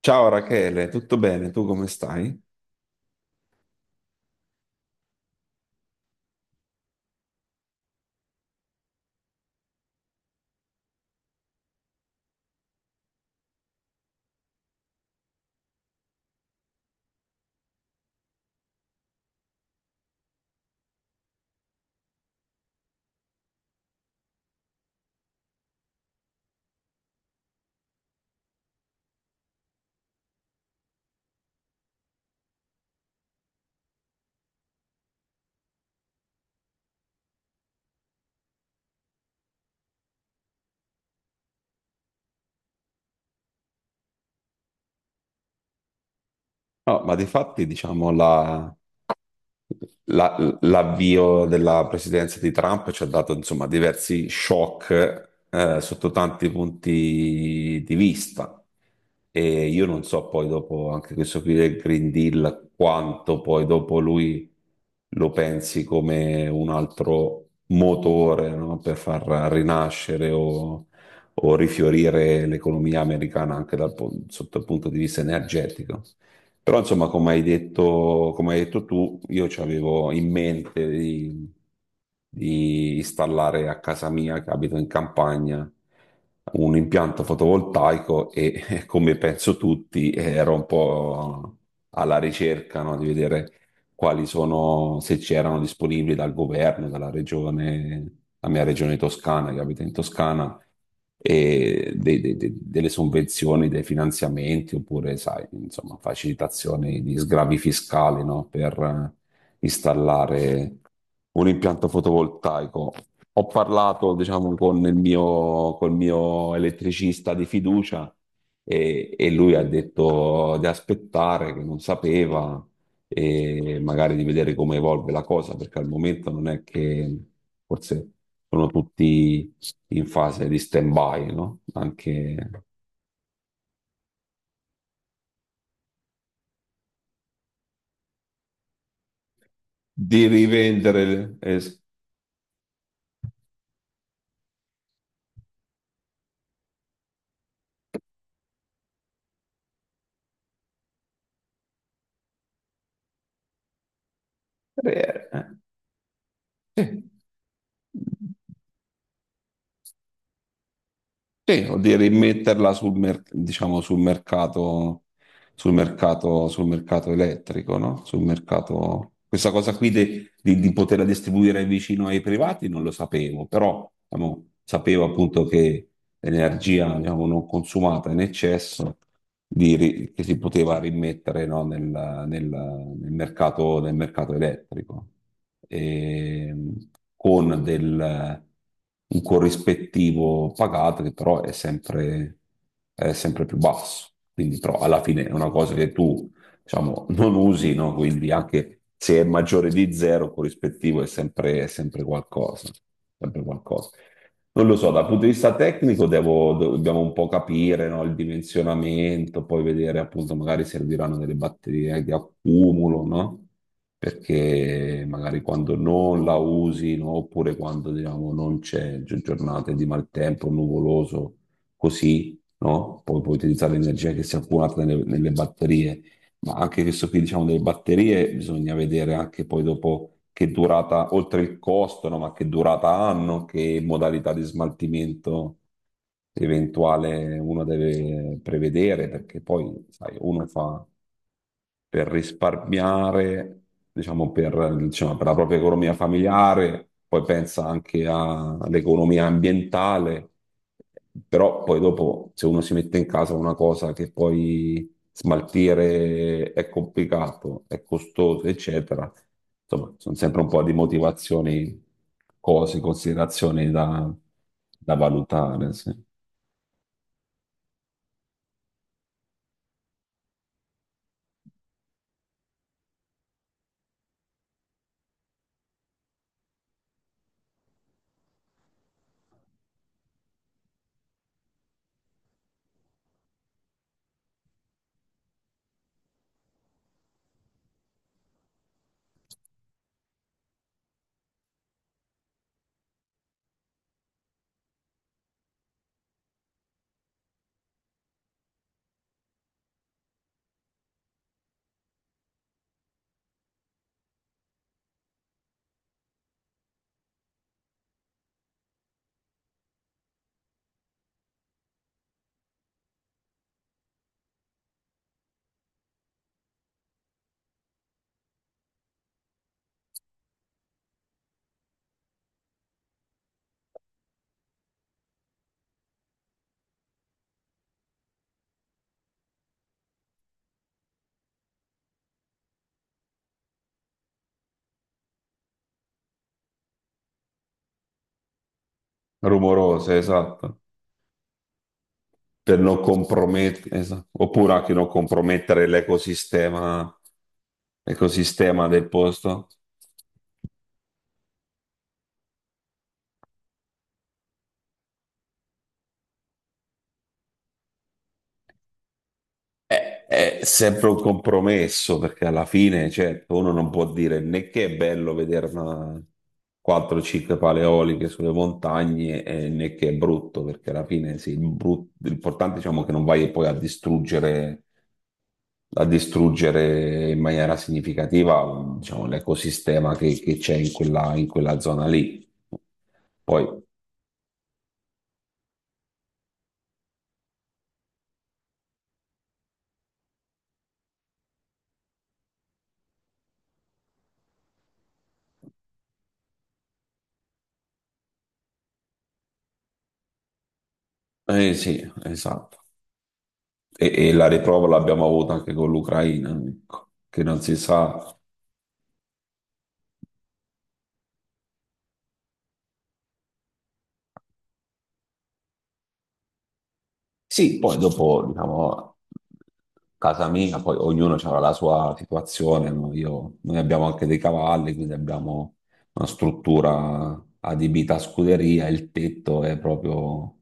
Ciao Rachele, tutto bene? Tu come stai? No, ma di fatti, diciamo, l'avvio della presidenza di Trump ci ha dato insomma diversi shock sotto tanti punti di vista. E io non so poi dopo anche questo qui del Green Deal quanto poi dopo lui lo pensi come un altro motore, no? Per far rinascere o rifiorire l'economia americana anche sotto il punto di vista energetico. Però insomma, come hai detto tu, io ci avevo in mente di installare a casa mia, che abito in campagna, un impianto fotovoltaico e come penso tutti, ero un po' alla ricerca, no, di vedere quali sono, se c'erano disponibili dal governo, dalla regione, la mia regione toscana, che abito in Toscana e delle sovvenzioni, dei finanziamenti oppure, sai, insomma, facilitazioni di sgravi fiscali, no? Per installare un impianto fotovoltaico. Ho parlato, diciamo, con il mio, col mio elettricista di fiducia e lui ha detto di aspettare, che non sapeva e magari di vedere come evolve la cosa, perché al momento non è che forse sono tutti in fase di stand-by, no? Anche di rivendere, eh, sì, o di rimetterla diciamo, sul mercato, sul mercato elettrico, no? Sul mercato. Questa cosa qui de- Di poterla distribuire vicino ai privati non lo sapevo, però diciamo, sapevo appunto che l'energia diciamo, non consumata in eccesso che si poteva rimettere no, nel mercato elettrico, e, con del, un corrispettivo pagato che però è sempre più basso. Quindi, però, alla fine è una cosa che tu diciamo, non usi, no? Quindi anche se è maggiore di zero, corrispettivo è sempre qualcosa, sempre qualcosa. Non lo so, dal punto di vista tecnico dobbiamo un po' capire, no, il dimensionamento, poi vedere appunto magari serviranno delle batterie di accumulo, no? Perché magari quando non la usi, no, oppure quando diciamo, non c'è giornate di maltempo, nuvoloso, così, no? Poi puoi utilizzare l'energia che si è accumulata nelle batterie, ma anche questo qui, diciamo, delle batterie, bisogna vedere anche poi dopo che durata, oltre il costo, no? Ma che durata hanno, che modalità di smaltimento eventuale uno deve prevedere, perché poi, sai, uno fa per risparmiare, diciamo, per la propria economia familiare, poi pensa anche all'economia ambientale, però poi dopo se uno si mette in casa una cosa che poi smaltire è complicato, è costoso, eccetera. Insomma, sono sempre un po' di motivazioni, cose, considerazioni da, da valutare, sì. Rumorose, esatto, per non compromettere, esatto. Oppure anche non compromettere l'ecosistema, l'ecosistema del posto. È sempre un compromesso perché alla fine, certo, uno non può dire né che è bello vedere una 4-5 paleoliche sulle montagne, né che è brutto, perché alla fine sì, l'importante diciamo che non vai poi a distruggere in maniera significativa, diciamo, l'ecosistema che c'è in quella zona lì. Poi, eh sì, esatto. E la riprova l'abbiamo avuta anche con l'Ucraina, ecco, che non si sa. Sì, poi dopo, diciamo, casa mia, poi ognuno aveva la sua situazione, no? Noi abbiamo anche dei cavalli, quindi abbiamo una struttura adibita a scuderia, il tetto è proprio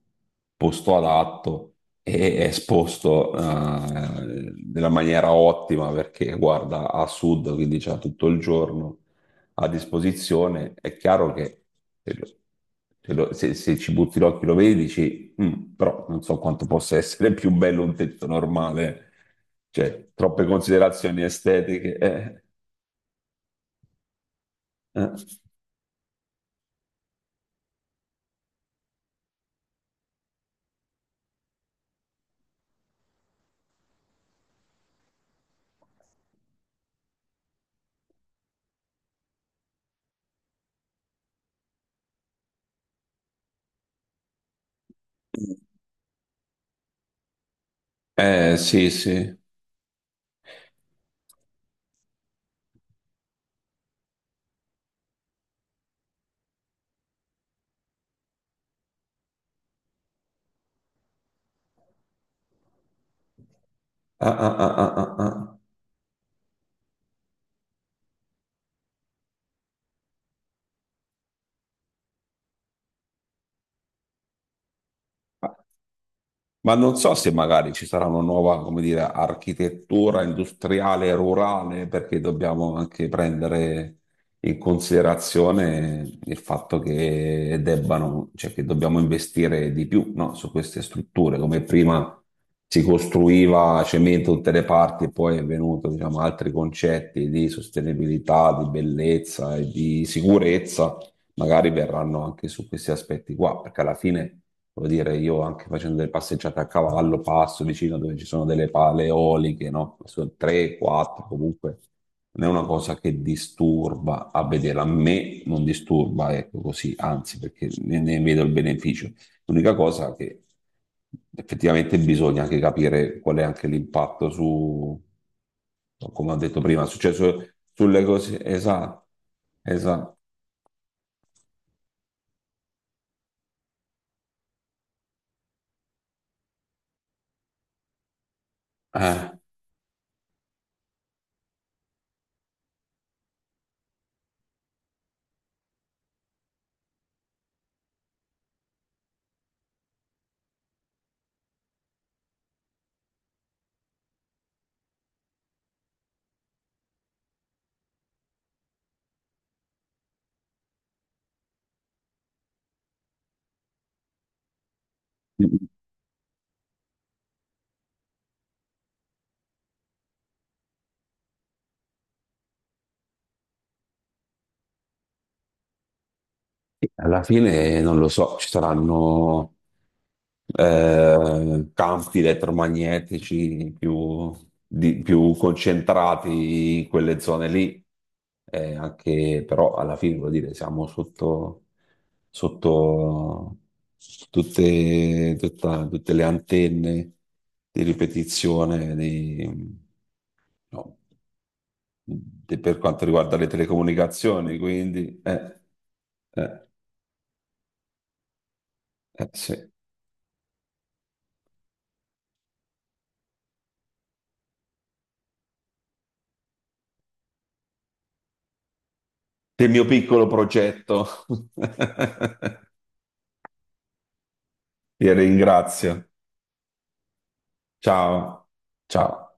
posto adatto e è esposto nella maniera ottima perché guarda a sud, quindi c'è tutto il giorno a disposizione. È chiaro che se, lo- se ci butti l'occhio lo vedi, dici, mm, però non so quanto possa essere più bello un tetto normale, cioè troppe considerazioni estetiche. Eh. Sì, sì. Ah, ah, ah, ah, ah, ah. Ma non so se magari ci sarà una nuova, come dire, architettura industriale rurale, perché dobbiamo anche prendere in considerazione il fatto che debbano, cioè che dobbiamo investire di più, no, su queste strutture, come prima si costruiva cemento da tutte le parti e poi è venuto, diciamo, altri concetti di sostenibilità, di bellezza e di sicurezza magari verranno anche su questi aspetti qua, perché alla fine, voglio dire, io anche facendo delle passeggiate a cavallo, passo vicino dove ci sono delle pale eoliche, no? Sono 3, 4, comunque non è una cosa che disturba a vedere, a me non disturba, ecco così, anzi, perché ne vedo il beneficio. L'unica cosa che effettivamente bisogna anche capire qual è anche l'impatto su, come ho detto prima, è successo sulle cose, esatto, esatto. Eh. Alla fine non lo so, ci saranno campi elettromagnetici più, più concentrati in quelle zone lì, eh, anche però alla fine vuol dire siamo sotto, sotto tutte le antenne di ripetizione di- no, di- per quanto riguarda le telecomunicazioni, quindi eh. eh, sì. Del mio piccolo progetto. Ti ringrazio. Ciao. Ciao.